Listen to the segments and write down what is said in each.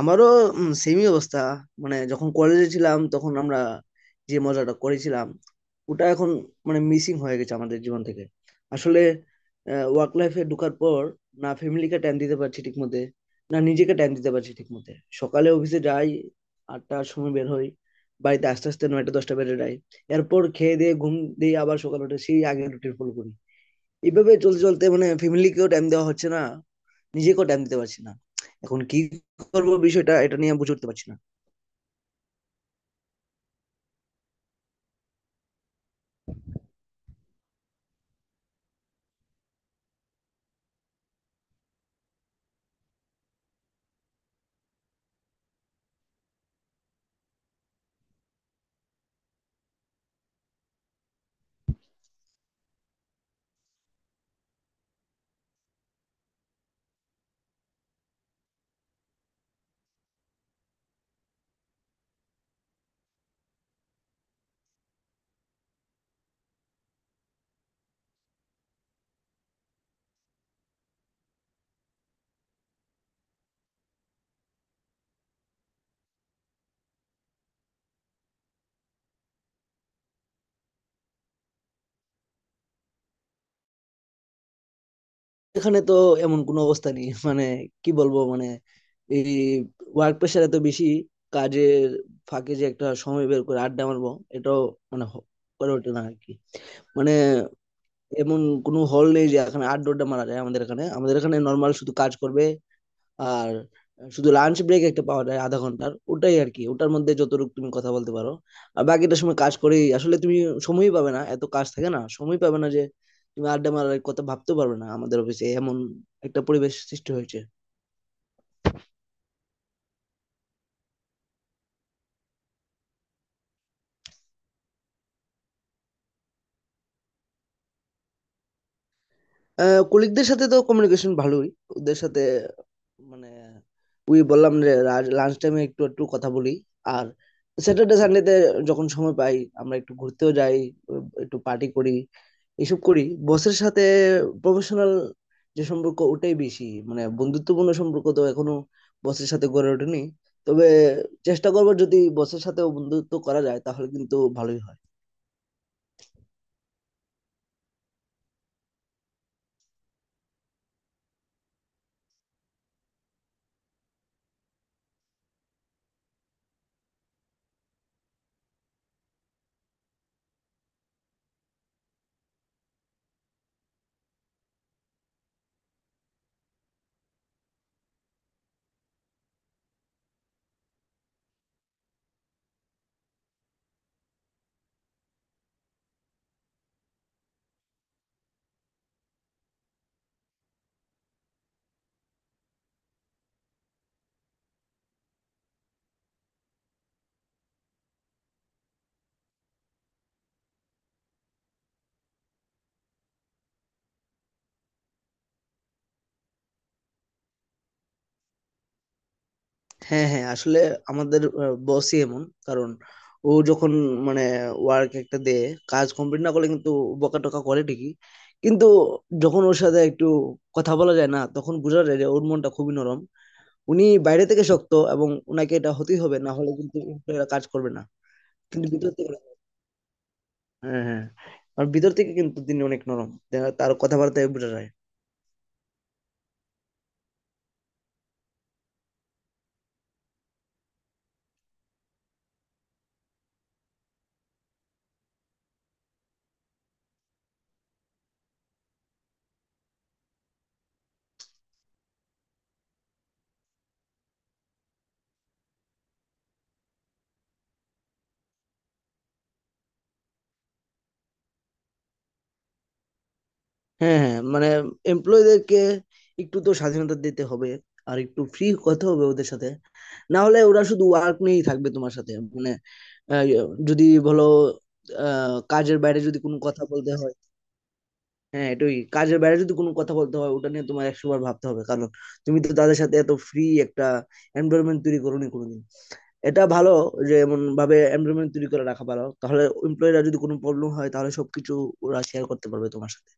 আমারও সেমই অবস্থা। মানে, যখন কলেজে ছিলাম তখন আমরা যে মজাটা করেছিলাম, ওটা এখন মানে মিসিং হয়ে গেছে আমাদের জীবন থেকে। আসলে ওয়ার্ক লাইফে ঢোকার পর না ফ্যামিলিকে টাইম দিতে পারছি ঠিক মতে, না নিজেকে টাইম দিতে পারছি ঠিক মতে। সকালে অফিসে যাই, 8টার সময় বের হই, বাড়িতে আস্তে আস্তে নয়টা দশটা বেজে যায়। এরপর খেয়ে দিয়ে ঘুম, দিয়ে আবার সকালে উঠে সেই আগের রুটিন ফলো করি। এইভাবে চলতে চলতে মানে ফ্যামিলিকেও টাইম দেওয়া হচ্ছে না, নিজেকেও টাইম দিতে পারছি না। এখন কি করবো বিষয়টা, এটা নিয়ে বুঝে উঠতে পারছি না। এখানে তো এমন কোনো অবস্থা নেই, মানে কি বলবো, মানে এই ওয়ার্ক প্রেশার এত বেশি, কাজের ফাঁকে যে একটা সময় বের করে আড্ডা মারবো এটাও মানে করে ওঠে না আর কি। মানে এমন কোনো হল নেই যে এখানে আড্ডা আড্ডা মারা যায়। আমাদের এখানে নর্মাল শুধু কাজ করবে। আর শুধু লাঞ্চ ব্রেক একটা পাওয়া যায় আধা ঘন্টার, ওটাই আর কি। ওটার মধ্যে যতটুকু তুমি কথা বলতে পারো, আর বাকিটা সময় কাজ করেই আসলে তুমি সময়ই পাবে না, এত কাজ থাকে। না, সময় পাবে না যে তুমি আড্ডা মারার কথা ভাবতেও পারবে না। আমাদের অফিসে এমন একটা পরিবেশ সৃষ্টি হয়েছে। কলিগদের সাথে তো কমিউনিকেশন ভালোই। ওদের সাথে মানে ওই বললাম যে লাঞ্চ টাইমে একটু একটু কথা বলি। আর স্যাটারডে সানডেতে যখন সময় পাই, আমরা একটু ঘুরতেও যাই, একটু পার্টি করি, এসব করি। বসের সাথে প্রফেশনাল যে সম্পর্ক ওটাই বেশি, মানে বন্ধুত্বপূর্ণ সম্পর্ক তো এখনো বসের সাথে গড়ে ওঠেনি। তবে চেষ্টা করবো, যদি বসের সাথেও বন্ধুত্ব করা যায় তাহলে কিন্তু ভালোই হয়। হ্যাঁ, হ্যাঁ, আসলে আমাদের বসই এমন। কারণ ও যখন মানে ওয়ার্ক একটা দেয়, কাজ কমপ্লিট না করলে কিন্তু বকা টকা করে ঠিকই, কিন্তু যখন ওর সাথে একটু কথা বলা যায় না তখন বোঝা যায় যে ওর মনটা খুবই নরম। উনি বাইরে থেকে শক্ত, এবং উনাকে এটা হতেই হবে, না হলে কিন্তু এরা কাজ করবে না। কিন্তু ভিতর থেকে, হ্যাঁ, হ্যাঁ, আর ভিতর থেকে কিন্তু তিনি অনেক নরম, তার কথাবার্তায় বোঝা যায়। হ্যাঁ, হ্যাঁ, মানে এমপ্লয়ীদেরকে একটু তো স্বাধীনতা দিতে হবে, আর একটু ফ্রি কথা হবে ওদের সাথে। না হলে ওরা শুধু ওয়ার্ক নিয়েই থাকবে তোমার সাথে, মানে আহ, ইয়ে, যদি বলো, কাজের বাইরে যদি কোনো কথা বলতে হয়। হ্যাঁ, এটাই, কাজের বাইরে যদি কোনো কথা বলতে হয় ওটা নিয়ে তোমার 100 বার ভাবতে হবে, কারণ তুমি তো তাদের সাথে এত ফ্রি একটা এনভায়রনমেন্ট তৈরি করোনি কোনোদিন। এটা ভালো, যে এমন ভাবে এনভায়রনমেন্ট তৈরি করে রাখা ভালো, তাহলে এমপ্লয়ীরা যদি কোনো প্রবলেম হয় তাহলে সবকিছু ওরা শেয়ার করতে পারবে তোমার সাথে।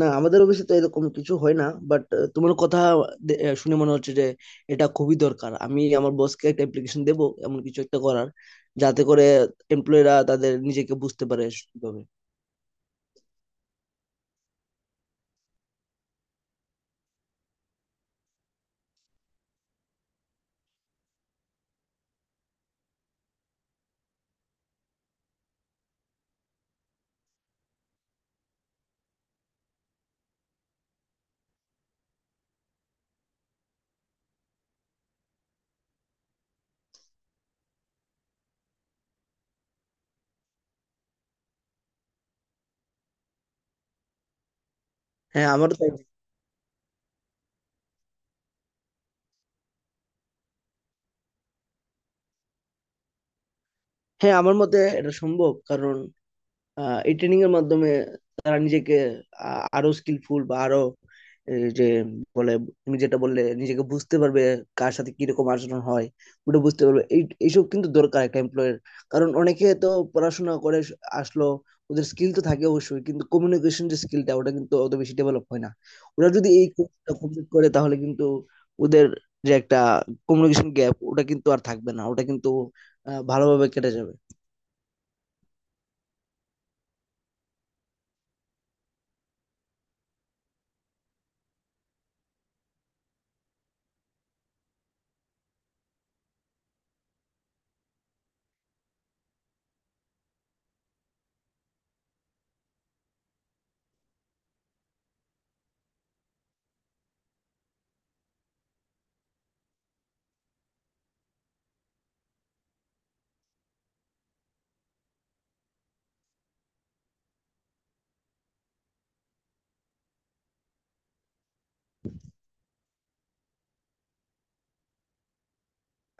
না, আমাদের অফিসে তো এরকম কিছু হয় না। বাট তোমার কথা শুনে মনে হচ্ছে যে এটা খুবই দরকার। আমি আমার বসকে একটা অ্যাপ্লিকেশন দেবো এমন কিছু একটা করার, যাতে করে এমপ্লয়িরা তাদের নিজেকে বুঝতে পারে সুন্দরভাবে। হ্যাঁ, আমারও তাই। হ্যাঁ, আমার মতে এটা সম্ভব। কারণ এই ট্রেনিং এর মাধ্যমে তারা নিজেকে আ- আরো স্কিলফুল, বা আরো এই যে বলে তুমি যেটা বললে, নিজেকে বুঝতে পারবে, কার সাথে কিরকম আচরণ হয় ওটা বুঝতে পারবে। এইসব কিন্তু দরকার একটা এমপ্লয়ের। কারণ অনেকে তো পড়াশোনা করে আসলো, ওদের স্কিল তো থাকে অবশ্যই, কিন্তু কমিউনিকেশন যে স্কিলটা, ওটা কিন্তু অত বেশি ডেভেলপ হয় না। ওরা যদি এই কোর্সটা কমপ্লিট করে তাহলে কিন্তু ওদের যে একটা কমিউনিকেশন গ্যাপ, ওটা কিন্তু আর থাকবে না, ওটা কিন্তু ভালোভাবে কেটে যাবে।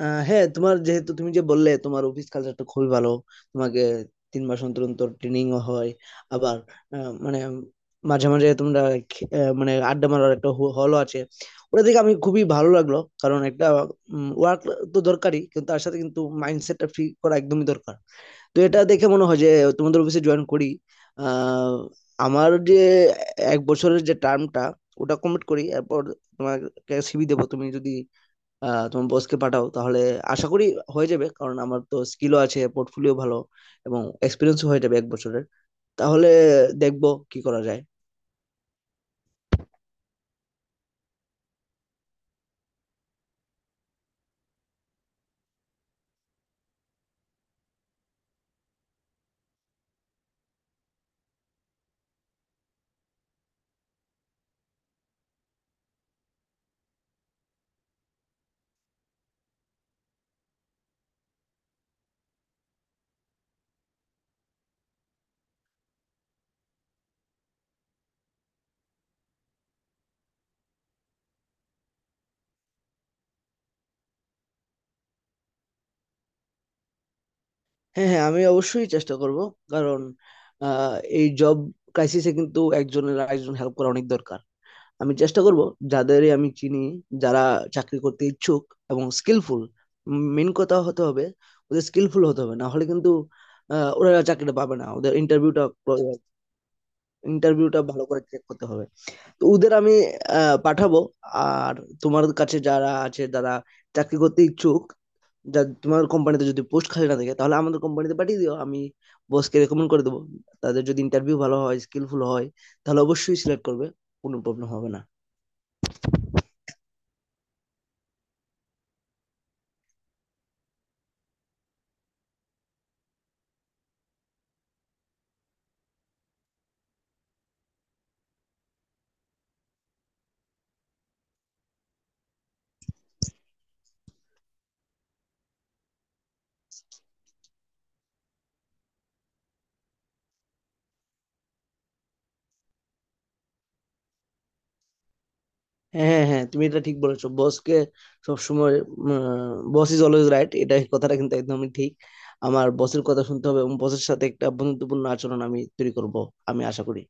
হ্যাঁ, তোমার যেহেতু, তুমি যে বললে তোমার অফিস কালচারটা খুবই ভালো, তোমাকে 3 মাস অন্তর অন্তর ট্রেনিং হয়, আবার মানে মাঝে মাঝে তোমরা মানে আড্ডা মারার একটা হলও আছে, ওটা দেখে আমি খুবই ভালো লাগলো। কারণ একটা ওয়ার্ক তো দরকারই, কিন্তু তার সাথে কিন্তু মাইন্ডসেটটা ফ্রি করা একদমই দরকার। তো এটা দেখে মনে হয় যে তোমাদের অফিসে জয়েন করি। আহ আমার যে 1 বছরের যে টার্মটা, ওটা কমপ্লিট করি, এরপর তোমাকে সিভি দেবো। তুমি যদি তোমার বসকে পাঠাও, তাহলে আশা করি হয়ে যাবে, কারণ আমার তো স্কিলও আছে, পোর্টফোলিও ভালো, এবং এক্সপিরিয়েন্সও হয়ে যাবে 1 বছরের। তাহলে দেখবো কি করা যায়। হ্যাঁ, হ্যাঁ, আমি অবশ্যই চেষ্টা করব। কারণ আহ, এই জব ক্রাইসিসে কিন্তু একজনের আরেকজন হেল্প করা অনেক দরকার। আমি চেষ্টা করব যাদেরই আমি চিনি, যারা চাকরি করতে ইচ্ছুক এবং স্কিলফুল। মেন কথা হতে হবে ওদের স্কিলফুল হতে হবে, না হলে কিন্তু ওরা চাকরিটা পাবে না। ওদের ইন্টারভিউটা ইন্টারভিউটা ভালো করে চেক করতে হবে। তো ওদের আমি পাঠাবো। আর তোমার কাছে যারা আছে, যারা চাকরি করতে ইচ্ছুক, যা তোমার কোম্পানিতে যদি পোস্ট খালি না থাকে তাহলে আমাদের কোম্পানিতে পাঠিয়ে দিও, আমি বসকে রেকমেন্ড করে দেবো। তাদের যদি ইন্টারভিউ ভালো হয়, স্কিলফুল হয়, তাহলে অবশ্যই সিলেক্ট করবে, কোনো প্রবলেম হবে না। হ্যাঁ, হ্যাঁ, হ্যাঁ, তুমি এটা ঠিক বলেছো। বসকে সবসময়, বস ইজ অলওয়েজ রাইট, এটা এই কথাটা কিন্তু একদমই ঠিক। আমার বসের কথা শুনতে হবে, এবং বসের সাথে একটা বন্ধুত্বপূর্ণ আচরণ আমি তৈরি করব আমি আশা করি।